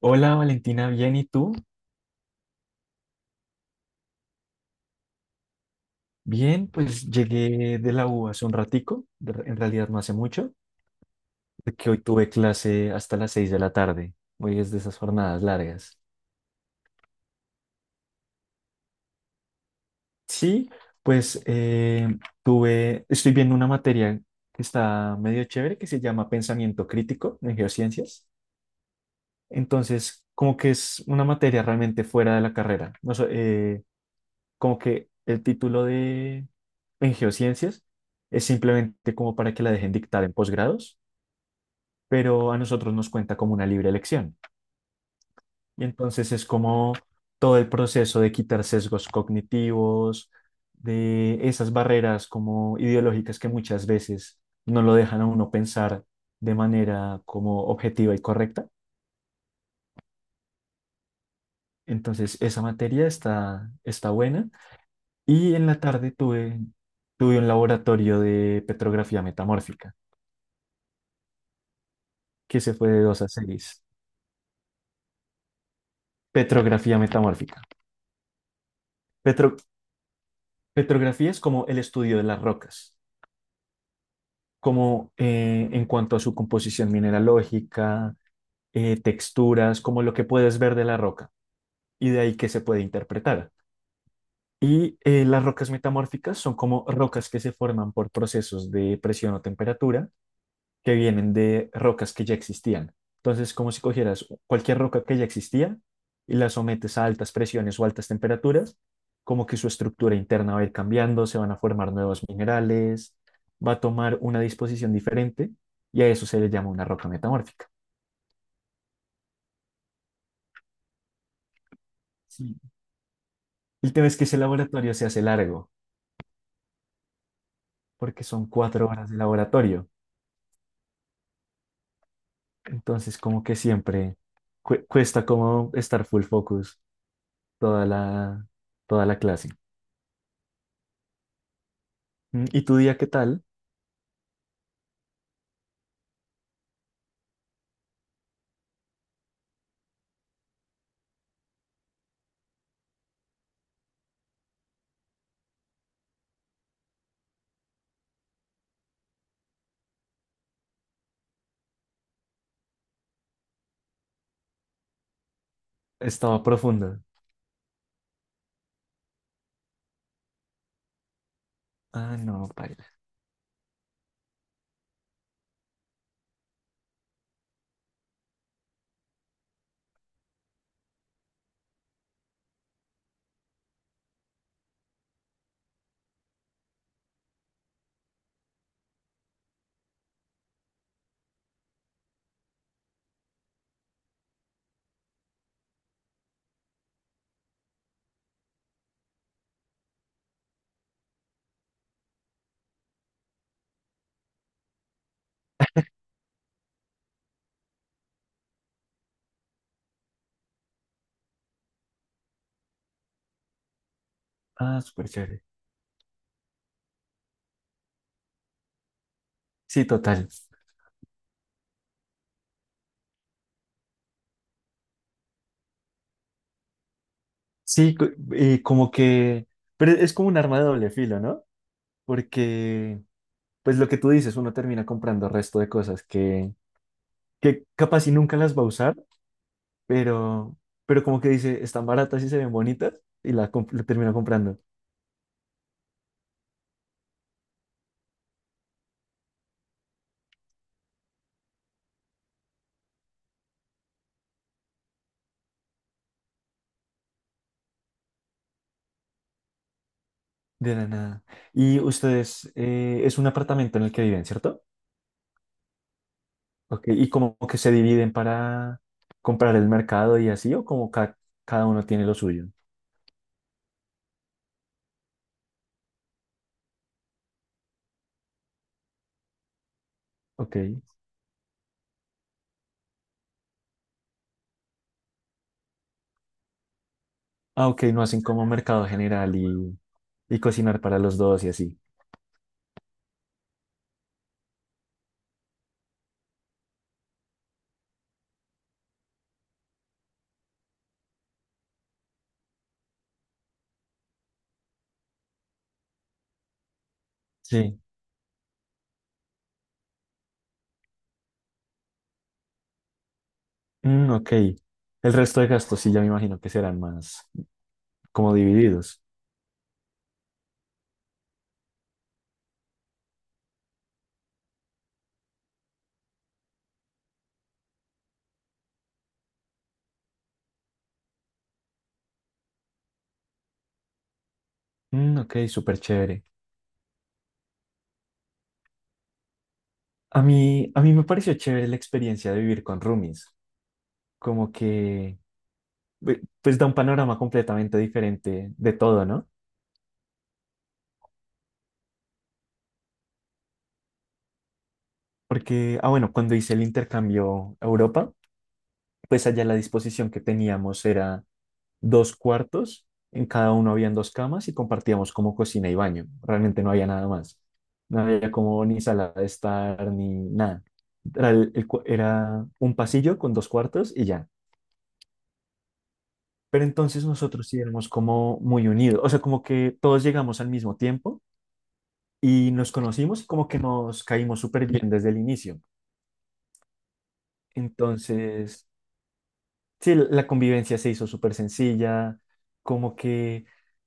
Hola Valentina, bien, ¿y tú? Bien, pues llegué de la U hace un ratico, en realidad no hace mucho, porque hoy tuve clase hasta las 6 de la tarde, hoy es de esas jornadas largas. Sí, pues estoy viendo una materia que está medio chévere, que se llama Pensamiento Crítico en Geociencias, entonces como que es una materia realmente fuera de la carrera, no sé, como que el título de en geociencias es simplemente como para que la dejen dictar en posgrados, pero a nosotros nos cuenta como una libre elección. Y entonces es como todo el proceso de quitar sesgos cognitivos, de esas barreras como ideológicas que muchas veces no lo dejan a uno pensar de manera como objetiva y correcta. Entonces, esa materia está buena. Y en la tarde tuve un laboratorio de petrografía metamórfica, que se fue de 2 a seis. Petrografía metamórfica. Petro- petrografía es como el estudio de las rocas, como en cuanto a su composición mineralógica, texturas, como lo que puedes ver de la roca y de ahí que se puede interpretar. Y las rocas metamórficas son como rocas que se forman por procesos de presión o temperatura que vienen de rocas que ya existían. Entonces, como si cogieras cualquier roca que ya existía y la sometes a altas presiones o altas temperaturas, como que su estructura interna va a ir cambiando, se van a formar nuevos minerales, va a tomar una disposición diferente y a eso se le llama una roca metamórfica. Sí. El tema es que ese laboratorio se hace largo, porque son cuatro horas de laboratorio. Entonces, como que siempre cuesta como estar full focus toda la, toda la clase. Mm, ¿y tu día qué tal? Estaba profunda. Ah, no, paila. Ah, súper chévere. Sí, total. Sí, co- como que... Pero es como un arma de doble filo, ¿no? Porque, pues lo que tú dices, uno termina comprando resto de cosas que capaz y nunca las va a usar, pero, pero como que dice, están baratas y se ven bonitas, la termina comprando de la nada. Y ustedes, es un apartamento en el que viven, ¿cierto? Ok, y como que se dividen para comprar el mercado y así, cada uno tiene lo suyo. Ok. Ah, ok, no hacen como mercado general y cocinar para los dos y así. Sí. Mm, ok. El resto de gastos sí, ya me imagino que serán más como divididos. Mm, ok, súper chévere. A mí me pareció chévere la experiencia de vivir con roomies. Como que, pues da un panorama completamente diferente de todo, ¿no? Porque, ah, bueno, cuando hice el intercambio a Europa, pues allá la disposición que teníamos era dos cuartos, en cada uno habían dos camas y compartíamos como cocina y baño. Realmente no había nada más. No había como ni sala de estar ni nada. Era un pasillo con dos cuartos y ya. Pero entonces nosotros sí éramos como muy unidos, o sea, como que todos llegamos al mismo tiempo y nos conocimos y como que nos caímos súper bien desde el inicio. Entonces, sí, la convivencia se hizo súper sencilla, como que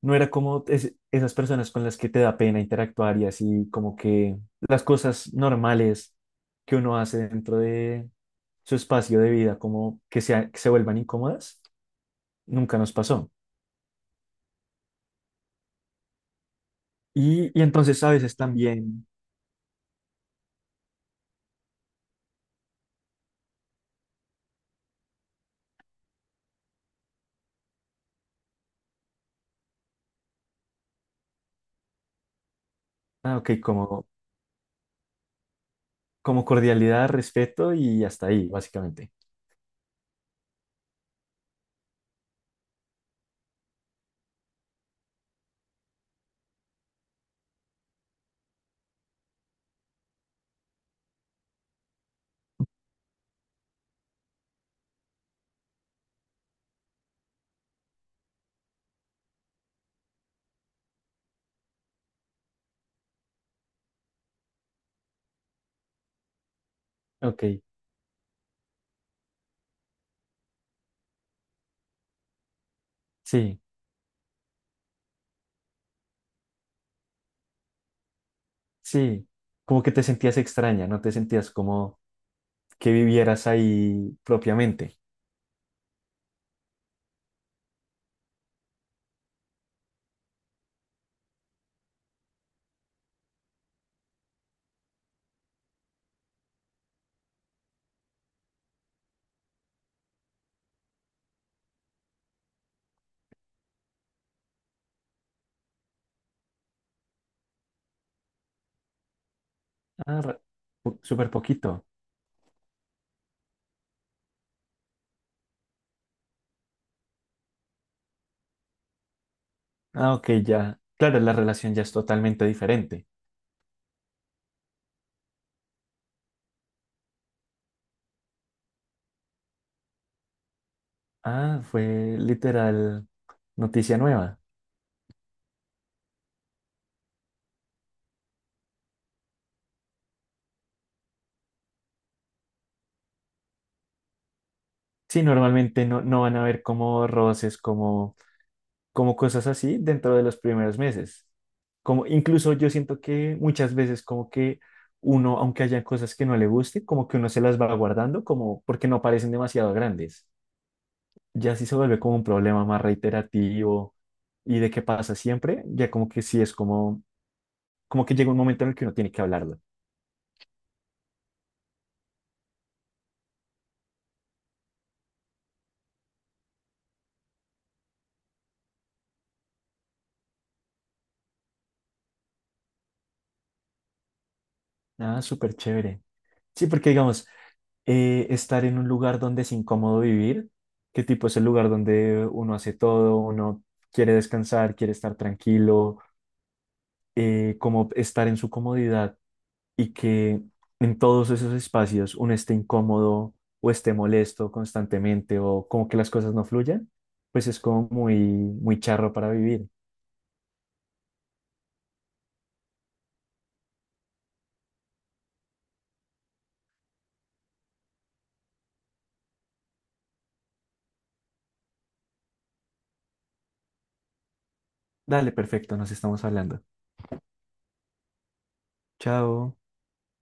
no era como esas personas con las que te da pena interactuar y así, como que las cosas normales que uno hace dentro de su espacio de vida, como que, sea, que se vuelvan incómodas, nunca nos pasó. Y entonces a veces también, ah, ok, como, como cordialidad, respeto y hasta ahí, básicamente. Ok, sí, sí, como que te sentías extraña, no te sentías como que vivieras ahí propiamente. Ah, re- súper poquito. Ah, ok, ya. Claro, la relación ya es totalmente diferente. Ah, fue literal noticia nueva. Sí, normalmente no, no van a haber como roces, como, como cosas así dentro de los primeros meses. Como incluso yo siento que muchas veces como que uno, aunque haya cosas que no le guste, como que uno se las va guardando, como porque no parecen demasiado grandes. Ya sí se vuelve como un problema más reiterativo y de qué pasa siempre, ya como que sí es como, como que llega un momento en el que uno tiene que hablarlo. Ah, súper chévere. Sí, porque digamos, estar en un lugar donde es incómodo vivir, qué tipo es el lugar donde uno hace todo, uno quiere descansar, quiere estar tranquilo, como estar en su comodidad y que en todos esos espacios uno esté incómodo o esté molesto constantemente o como que las cosas no fluyan, pues es como muy, muy charro para vivir. Dale, perfecto, nos estamos hablando. Chao.